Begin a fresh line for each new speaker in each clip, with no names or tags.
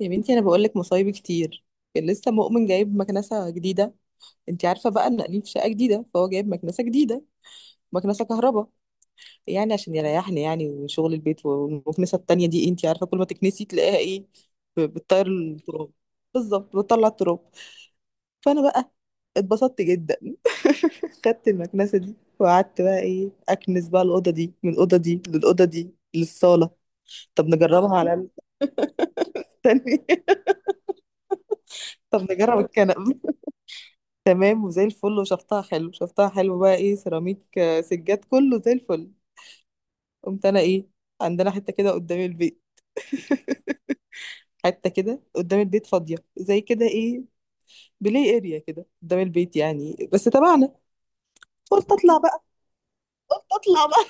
يا بنتي انا بقول لك مصايب كتير. كان لسه مؤمن جايب مكنسه جديده، انت عارفه بقى ان قايلين في شقه جديده فهو جايب مكنسه جديده، مكنسه كهرباء، يعني عشان يريحني يعني وشغل البيت. والمكنسه التانية دي انت عارفه كل ما تكنسي تلاقيها ايه، بتطير التراب، بالظبط بتطلع التراب. فانا بقى اتبسطت جدا خدت المكنسه دي وقعدت بقى ايه اكنس بقى الاوضه دي من الاوضه دي للاوضه دي للصاله. طب نجربها على الثانيه طب نجرب الكنب، تمام وزي الفل. وشفتها حلو شفتها حلو بقى ايه سيراميك آه، سجاد كله زي الفل. قمت انا ايه، عندنا حته كده قدام البيت، حته كده قدام البيت فاضيه زي كده ايه بلاي اريا كده قدام البيت يعني بس تبعنا. قلت اطلع بقى قلت اطلع بقى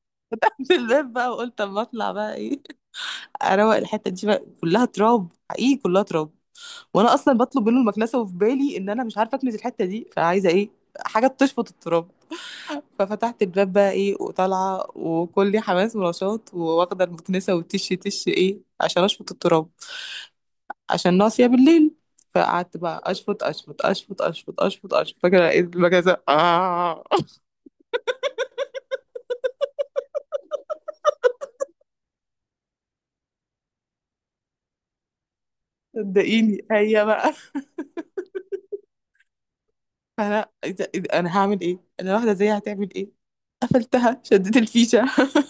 فتحت الباب بقى وقلت اما اطلع بقى ايه اروق الحته دي، بقى كلها تراب حقيقي كلها تراب. وانا اصلا بطلب منه المكنسه وفي بالي ان انا مش عارفه اكنس الحته دي، فعايزه ايه حاجه تشفط التراب. ففتحت الباب بقى ايه وطالعه وكلي حماس ونشاط وواخده المكنسه وتش تش ايه عشان اشفط التراب، عشان ناقصه بالليل. فقعدت بقى اشفط اشفط اشفط اشفط اشفط اشفط فاكره، لقيت المكنسه اه. صدقيني هي بقى، فانا إذا انا هعمل ايه، انا واحده زيها هتعمل ايه؟ قفلتها شديت الفيشه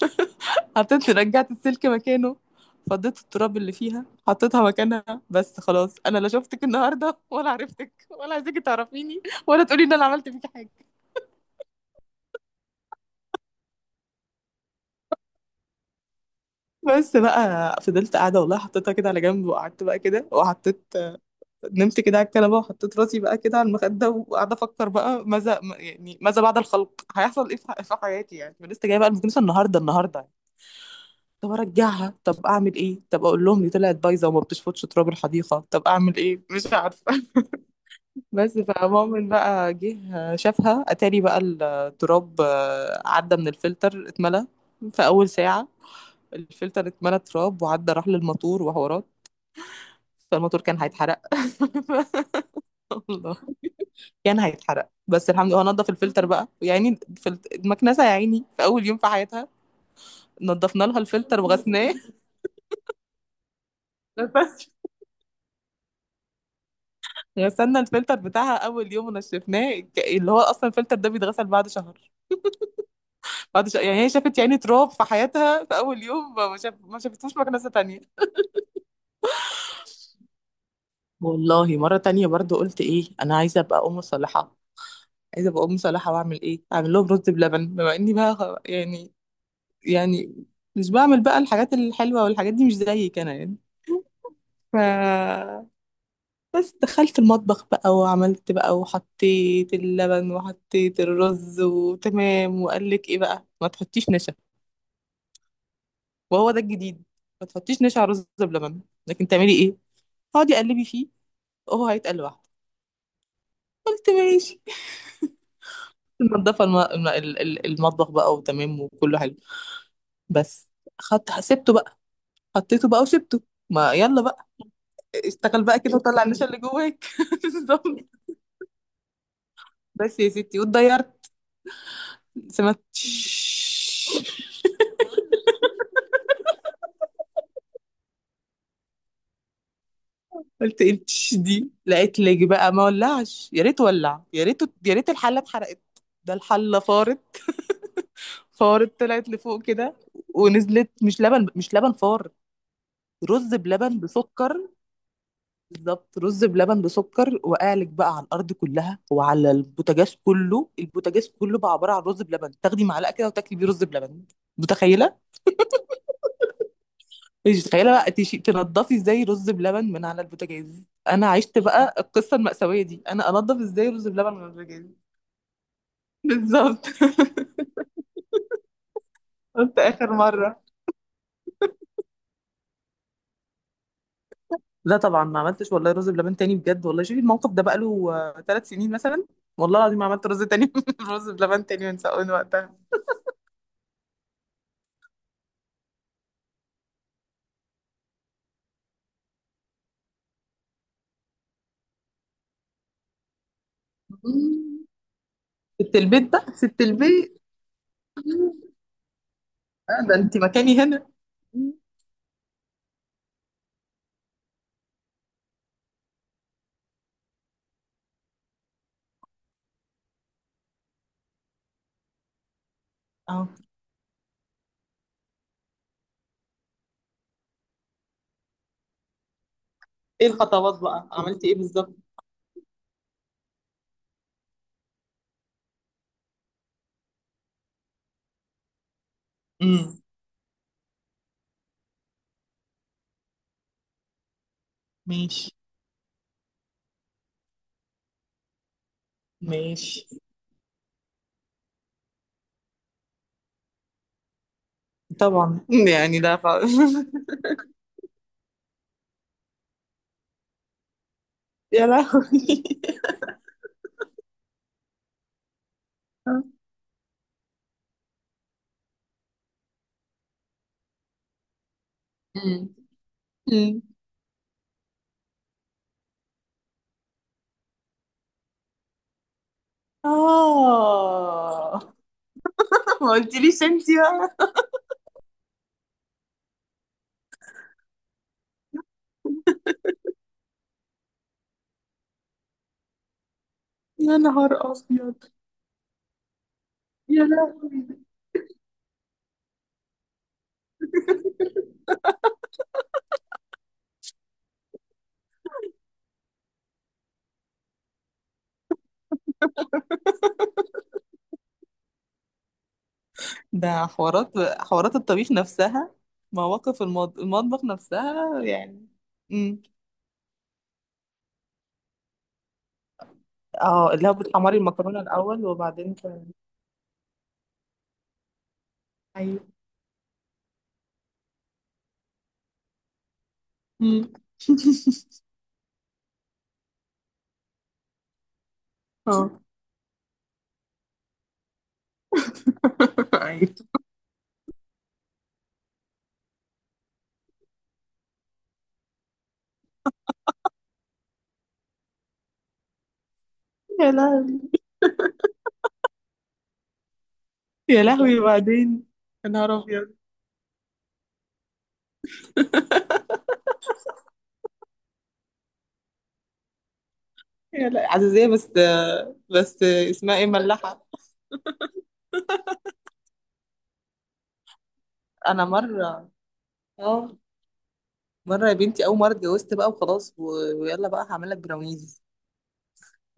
حطيت رجعت السلك مكانه، فضيت التراب اللي فيها حطيتها مكانها بس خلاص. انا لا شفتك النهارده ولا عرفتك ولا عايزاكي تعرفيني ولا تقولي ان انا عملت فيكي حاجه. بس بقى فضلت قاعده والله، حطيتها كده على جنب وقعدت بقى كده وحطيت، نمت كده على الكنبه وحطيت راسي بقى كده على المخده وقاعده افكر بقى، ماذا يعني ماذا بعد الخلق هيحصل ايه في حياتي، يعني لسه جايه بقى المكنسه النهارده. طب ارجعها، طب اعمل ايه، طب اقول لهم دي طلعت بايظه وما بتشفطش تراب الحديقه، طب اعمل ايه مش عارفه بس فمؤمن بقى جه شافها، اتاري بقى التراب آه، عدى من الفلتر اتملى في اول ساعه، الفلتر اتملى تراب وعدى راح للموتور وحوارات، فالموتور كان هيتحرق والله كان هيتحرق، بس الحمد لله هو نضف الفلتر بقى، يعني المكنسه يا عيني في اول يوم في حياتها نضفنا لها الفلتر وغسناه. غسلنا الفلتر بتاعها اول يوم ونشفناه، اللي هو اصلا الفلتر ده بيتغسل بعد شهر، بعد شهر، يعني هي شافت يعني تراب في حياتها في اول يوم، ما شافتوش مكنسه تانية. والله مرة تانية برضو قلت ايه، انا عايزة ابقى ام صالحة، عايزة ابقى ام صالحة واعمل ايه، اعمل لهم رز بلبن، بما اني بقى يعني، يعني مش بعمل بقى الحاجات الحلوة والحاجات دي، مش زيك انا يعني. ف بس دخلت المطبخ بقى وعملت بقى وحطيت اللبن وحطيت الرز وتمام، وقال لك ايه بقى، ما تحطيش نشا، وهو ده الجديد، ما تحطيش نشا على رز بلبن، لكن تعملي ايه، اقعدي قلبي فيه وهو هيتقل لوحده. قلت ماشي منضفه المطبخ بقى وتمام وكله حلو، بس، خدت سبته بقى، حطيته بقى وسبته، ما يلا بقى، اشتغل بقى كده وطلع النشا اللي جواك بالظبط. بس يا ستي واتضيرت، سمعت. قلت ايه التش دي، لقيت لج بقى ما ولعش، يا ريت ولع، يا ريت يا ريت الحله اتحرقت، ده الحله فارت، فارت طلعت لفوق كده ونزلت، مش لبن، مش لبن فار، رز بلبن بسكر، بالظبط رز بلبن بسكر، وقالك بقى على الارض كلها وعلى البوتاجاز كله، البوتاجاز كله بقى عباره عن رز بلبن، تاخدي معلقه كده وتاكلي بيه رز بلبن. متخيله؟ مش متخيله بقى تنضفي ازاي رز بلبن من على البوتاجاز. انا عشت بقى القصه المأساويه دي، انا انضف ازاي رز بلبن من على البوتاجاز، بالظبط قلت اخر مره. لا طبعا ما عملتش والله رز بلبن تاني، بجد والله شوفي الموقف ده بقاله 3 سنين مثلا، والله العظيم ما عملت رز تاني رز بلبن تاني من وقتها. مم. ست البيت بقى، ست البيت. مم. آه ده انت مكاني هنا. مم. اه. ايه الخطوات بقى، عملتي ايه بالظبط؟ امم. ماشي. ماشي. طبعا. يعني لا خالص. يا لهوي. مم. مم. اه. ما قلتليش انت بقى. يا نهار أبيض. يا لا. ده حوارات حوارات الطبيخ نفسها، مواقف المض... المطبخ نفسها يعني. امم. اه اللي هو بتحمري المكرونة الأول وبعدين ت-. ايوه. امم. اه. ايوه. يا لهوي. يا لهوي وبعدين. يا نهار أبيض. يا لا عزيزية بس، بس اسمها ايه ملاحة. أنا مرة، اه مرة يا بنتي، أول مرة اتجوزت بقى وخلاص و... ويلا بقى هعمل لك براونيز،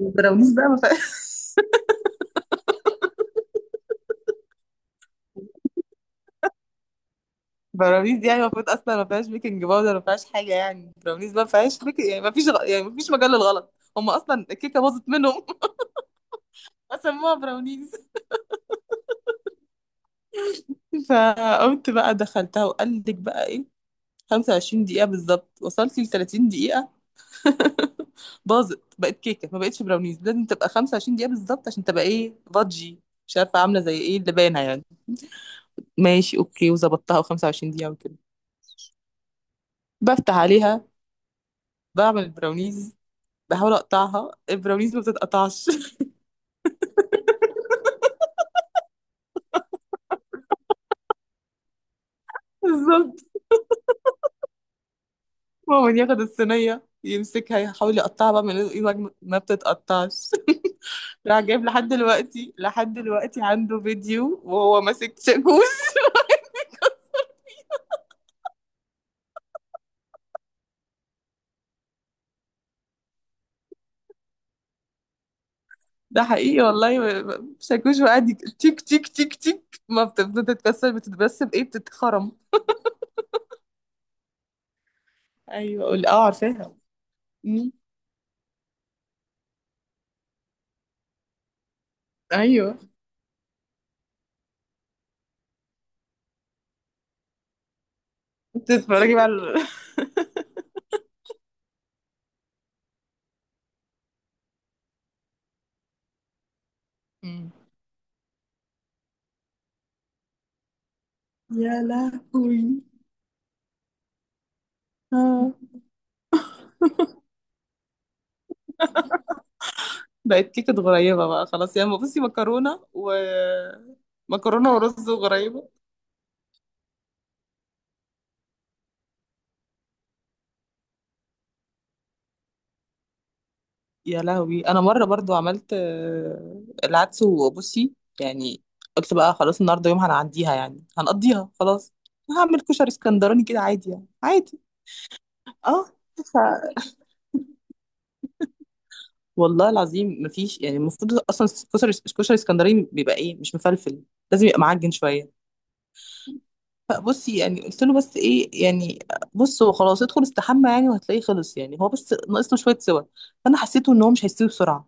البراونيز بقى ما فيهاش. براونيز دي يعني المفروض اصلا ما فيهاش بيكنج باودر، ما فيهاش حاجه، يعني براونيز ما فيهاش بيك... يعني ما فيش غ... يعني ما فيش مجال للغلط، هم اصلا الكيكه باظت منهم فسموها براونيز. فقمت بقى دخلتها وقال لك بقى ايه 25 دقيقه بالظبط، وصلت ل 30 دقيقه باظت، بقت كيكه ما بقتش براونيز. لازم تبقى 25 دقيقه بالظبط عشان تبقى ايه فادجي، مش عارفه عامله زي ايه اللبانه يعني. ماشي اوكي، وظبطتها و25 دقيقه وكده بفتح عليها بعمل البراونيز، بحاول اقطعها البراونيز ما بتتقطعش بالظبط. ماما ياخد الصينية يمسكها يحاول يقطعها بقى من ايده، ما بتتقطعش. راح جايب، لحد دلوقتي لحد دلوقتي عنده فيديو وهو ماسك شاكوش ده حقيقي والله، شاكوش، وقاعد تيك تيك تيك تيك، ما بتفضل تتكسر، بتتبس بايه، بتتخرم. ايوه قول، اه عارفاها. مم. ايوه. بتتفرجي بقى على-. مم. يا لهوي. آه. بقت كيكة غريبة بقى خلاص يعني، بصي مكرونة و، مكرونة ورز وغريبة. يا لهوي. انا مره برضو عملت آه، العدس، وبصي يعني، قلت بقى خلاص النهارده يوم هنعديها يعني هنقضيها خلاص، هعمل كشري اسكندراني كده عادي يعني عادي. اه، ف... والله العظيم مفيش يعني المفروض اصلا كشري كشري اسكندراني بيبقى ايه مش مفلفل، لازم يبقى معجن شويه. فبصي يعني قلت له بس ايه يعني، بص هو خلاص ادخل استحمى يعني وهتلاقيه خلص يعني، هو بس ناقص له شويه سوا. فانا حسيته ان هو مش هيستوي بسرعه،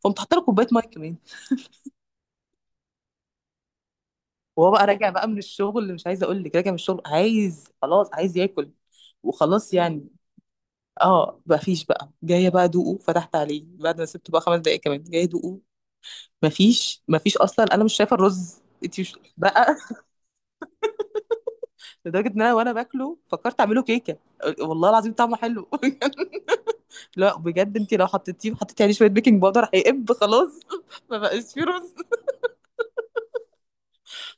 فقمت حاطه له كوبايه ميه كمان، وهو بقى راجع بقى من الشغل، اللي مش عايزه اقول لك راجع من الشغل عايز خلاص عايز ياكل وخلاص يعني. اه مفيش بقى، جايه بقى ادوقه، فتحت عليه بعد ما سبته بقى 5 دقايق كمان، جايه ادوقه مفيش، مفيش اصلا انا مش شايفه الرز. انت مش بقى. لدرجه ان انا وانا باكله فكرت اعمله كيكه، والله العظيم طعمه حلو. لا بجد، انت لو حطيتيه، حطيتي عليه شويه بيكنج باودر هيقب خلاص. ما بقاش فيه رز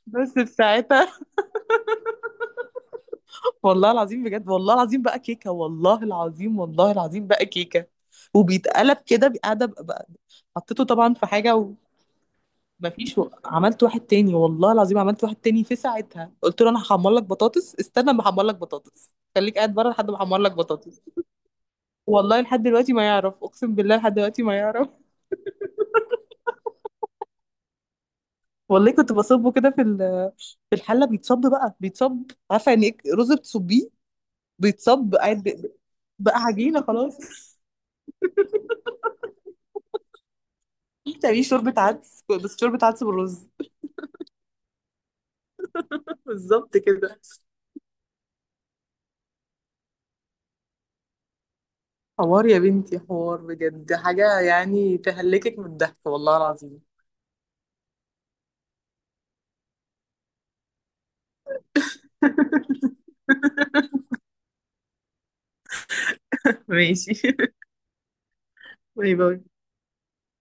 بس في ساعتها. والله العظيم بجد، والله العظيم بقى كيكه، والله العظيم والله العظيم بقى كيكه. وبيتقلب كده قاعده حطيته طبعا في حاجه. عملت واحد تاني، والله العظيم عملت واحد تاني في ساعتها، قلت له انا هحمر لك بطاطس، استنى ما احمر لك بطاطس، خليك قاعد بره لحد ما احمر لك بطاطس. والله لحد دلوقتي ما يعرف، اقسم بالله لحد دلوقتي ما يعرف. والله كنت بصبه كده في ال-، في الحله بيتصب بقى، بيتصب عارفه يعني ايه رز بتصبيه، بيتصب قاعد ب-، بقى عجينه خلاص. تعملي شوربة عدس، بس شوربة عدس بالرز بالظبط كده. حوار يا بنتي، حوار بجد، حاجة يعني تهلكك من الضحك والله العظيم. ماشي باي باي.